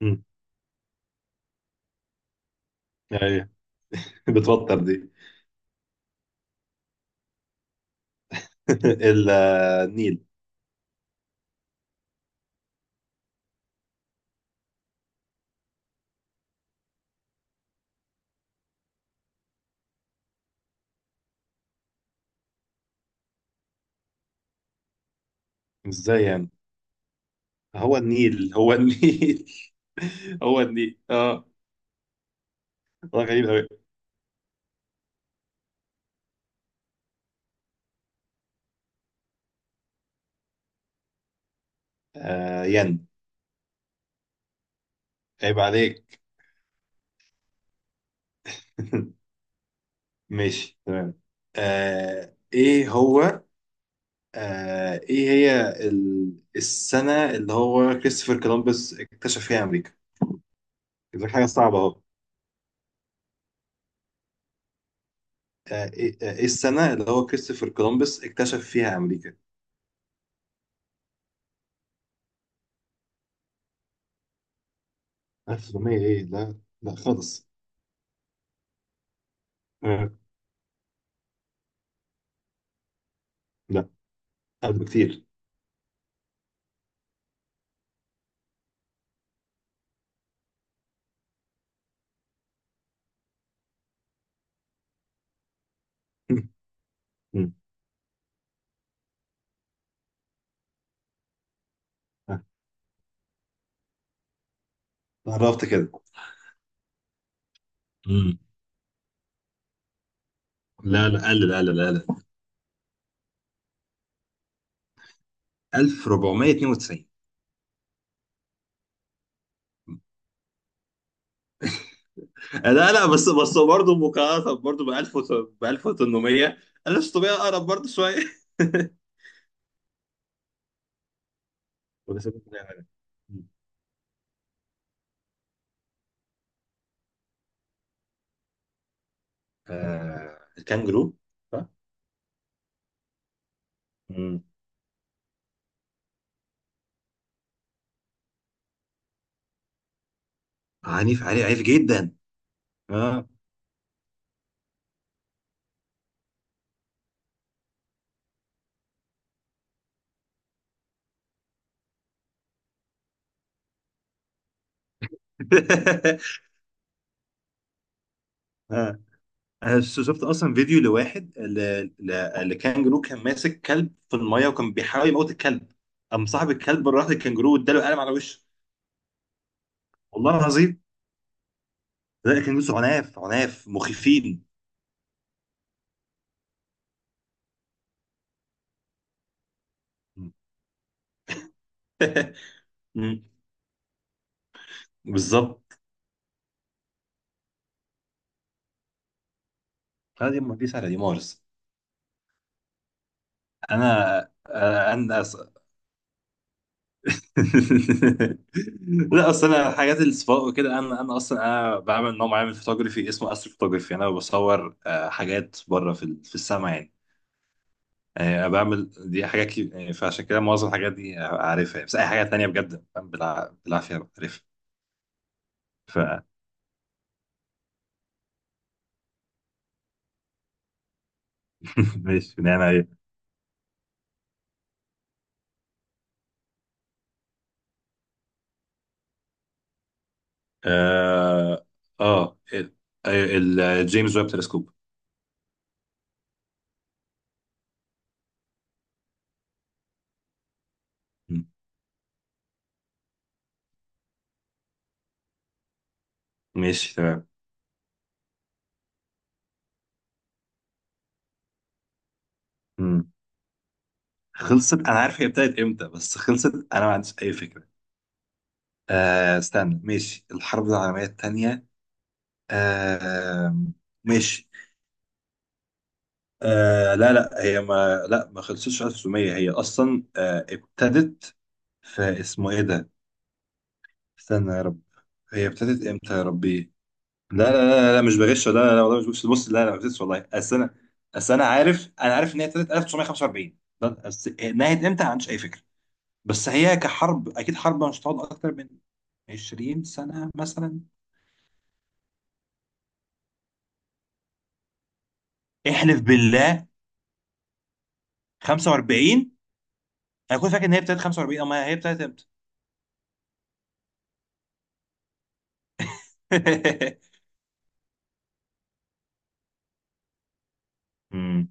مم. ايوه. بتوتر دي. النيل. ازاي يعني؟ هو النيل، هو النيل. هو النيل، اه. والله غريب قوي. آه، ين. عيب عليك. ماشي تمام. آه، ايه هو؟ آه، السنة اللي هو كريستوفر كولومبس اكتشف فيها امريكا؟ دي حاجة صعبة اهو. آه ايه آه، إيه السنة اللي هو كريستوفر كولومبس اكتشف فيها امريكا؟ 1800؟ ايه، لا لا خالص. آه. لا، أقل بكتير. مم. آه، قربت كده. امم لا لا، قلل قلل قلل. 1492. آه، لا لا، بس برضه، مقارنة برضه ب 1000، ب 1800. 1600 أقرب برضه شوية. وده سبب كده يعني. مم. آه، الكانجرو، صح؟ مم. عنيف عنيف عنيف جدا، اه. آه. انا شفت اصلا فيديو لواحد، لكانجرو كان ماسك كلب في الميه وكان بيحاول يموت الكلب، قام صاحب الكلب راح للكانجرو واداله قلم على وشه، والله العظيم. لا، الكانجروس عناف عناف مخيفين. مم. بالظبط. انا دي ما على دي مارس. انا انا أص... لا، اصل انا حاجات السباق وكده، انا انا اصلا بعمل نوع معين من الفوتوغرافي اسمه استرو فوتوغرافي. انا بصور، آه، حاجات بره في السماء يعني. آه، بعمل دي حاجات يعني، فعشان كده معظم الحاجات دي عارفها يعني. بس اي حاجه تانية بجد فاهم، بالعافيه بعرفها. ف ماشي، بناء على ايه؟ اه اه ال- أيوة، الجيمس ويب تلسكوب. مم. ماشي تمام. مم. خلصت، انا عارف هي ابتدت امتى بس خلصت انا ما عنديش اي فكره. آه، استنى. ماشي، الحرب العالميه الثانيه. آه. ماشي. آه، لا لا، هي ما خلصتش. 1900 هي اصلا آه ابتدت. في اسمه ايه ده، استنى يا رب. هي ابتدت امتى يا ربي؟ لا لا لا لا، مش بغش. لا لا لا، والله مش بغش. بص، لا لا، ما بغش والله. اصل انا، عارف ان هي ابتدت 1945. بس نهت امتى ما عنديش اي فكره. بس هي كحرب اكيد، حرب مش هتقعد اكتر من 20 سنه مثلا. احلف بالله. 45؟ انا كنت فاكر ان هي ابتدت 45، اما هي ابتدت امتى. امم.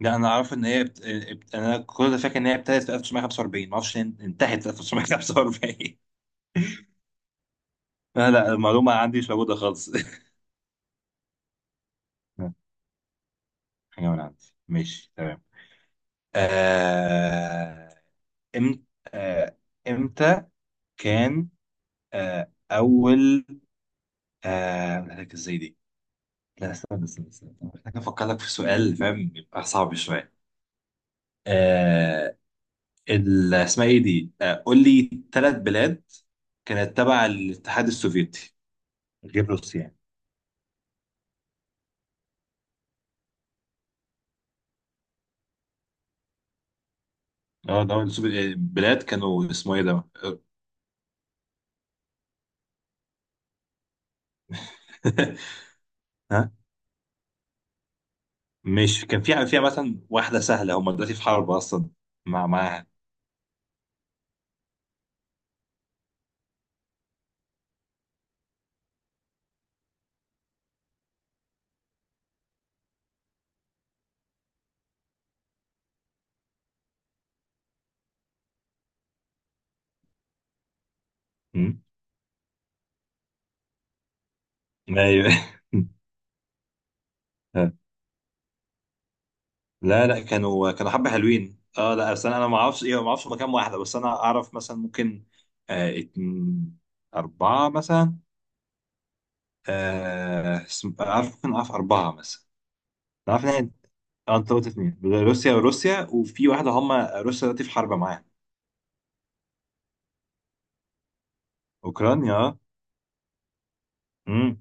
لا، انا اعرف ان هي، انا كنت فاكر ان هي ابتدت في 1945، ما اعرفش إن هي انتهت في 1945. لا لا، المعلومة عندي مش موجودة خالص. حاجة من عندي، ماشي تمام. آه... إم... آه... امتى كان اول، أقول لك ازاي دي. لا، استنى استنى استنى. محتاج افكر لك في سؤال، فاهم، يبقى صعب شوية. آه... اسمها ايه دي؟ قول لي ثلاث بلاد كانت تبع الاتحاد السوفيتي غير روسيا يعني. اه، ده هو بلاد كانوا اسمه ايه ده. ها. مش كان فيها، مثلا واحدة سهلة، هم دلوقتي في حرب أصلا معاها. أمم. أيوه. لا لا، كانوا حبة حلوين، اه. لا بس انا، ما اعرفش ايه، ما اعرفش مكان واحدة، بس انا اعرف مثلا ممكن. آه اتن... أربعة مثلا. اعرف، ممكن اعرف أربعة مثلا. اعرف ان هي- اه، انت قلت اتنين، روسيا وروسيا وفي واحدة هم روسيا دلوقتي في حرب معاها. أوكرانيا، اه. أمم،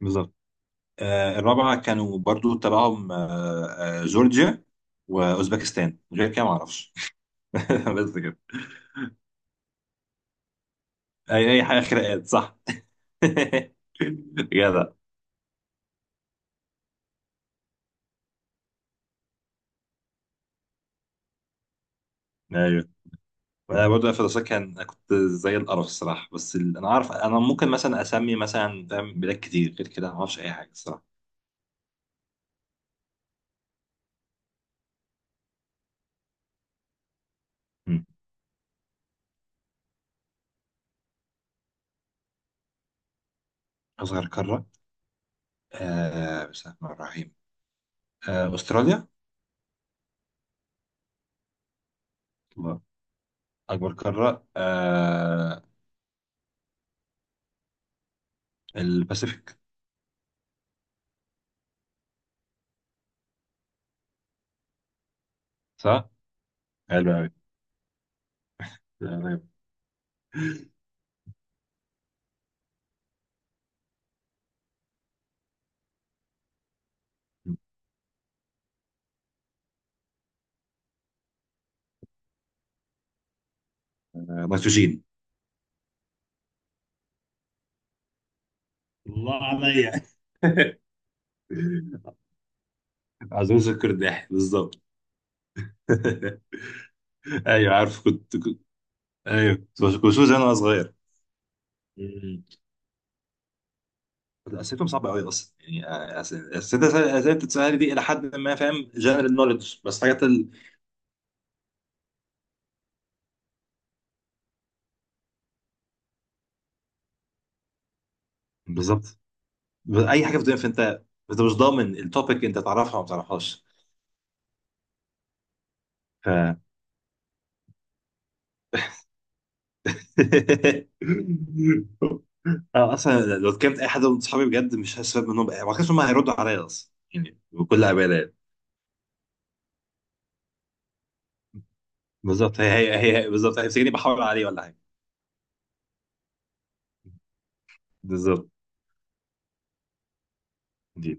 بالظبط. آه، الرابعة كانوا برضو تبعهم، آه، آه، جورجيا وأوزبكستان. غير كده معرفش. بس كده. أي حاجة خناقات صح. جدع. أيوه. أنا برضو في الدراسات، كنت زي القرف الصراحة. بس أنا عارف أنا ممكن مثلا أسمي مثلا، فاهم، بلاد كتير غير كده، ما أعرفش أي حاجة الصراحة. مم. أصغر قارة. آه، بسم الله الرحمن الرحيم، آه أستراليا. الله. أكبر قارة، آه الباسيفيك، صح؟ حلو أوي. آه، نيتروجين. الله عليا. عزوز الكرداحي، بالظبط. ايوه عارف، ايوه كنت بشوف انا صغير. مم. اسئلتهم صعبه قوي اصلا يعني. اسئله اسئله بتتسال دي، الى حد ما، فاهم، جنرال نوليدج. بس حاجات بالظبط. اي حاجه في الدنيا، فانت، انت مش ضامن التوبيك، انت تعرفها وما تعرفهاش. ف اه، اصلا لو اتكلمت اي حد من اصحابي بجد، مش هستفاد منهم بقى. ما كانش هم هيردوا عليا اصلا يعني بكل امانه. بالظبط، هي، بالظبط، هيمسكني بحاول عليه ولا حاجه. بالظبط. دي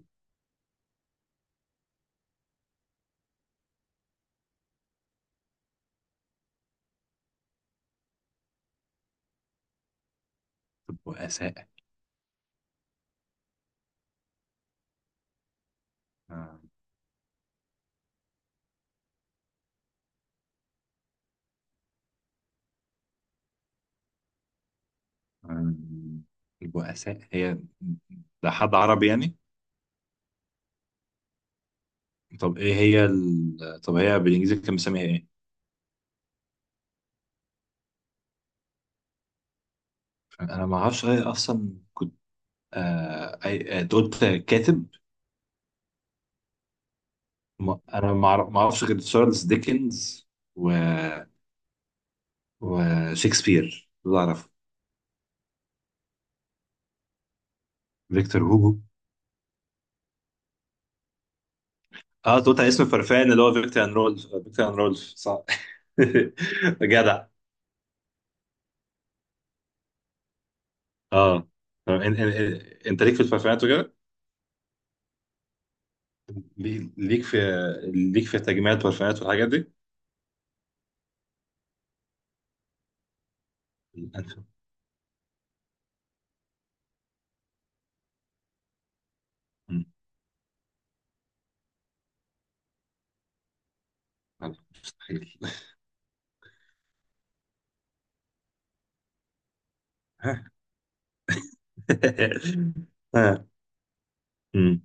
البؤساء. آه، آه، البؤساء هي. ده حد عربي يعني؟ طب ايه هي طب هي بالانجليزي كان بيسميها ايه؟ انا ما اعرفش غير، اصلا كنت، آه... أي... آه، قلت كاتب. ما... انا ما أعرف- ما اعرفش غير تشارلز ديكنز، و... وشكسبير، دول اعرفه. فيكتور هوجو، اه. أنت قلت على اسم الفرفان اللي هو فيكتور ان رولف، آه، فيكتور ان رولف صح. جدع. اه. طب انت ليك في البرفانات وكده. لي- ليك في ليك في تجميع البرفانات والحاجات دي. أنت- مم. لا. مستحيل. آه. مم.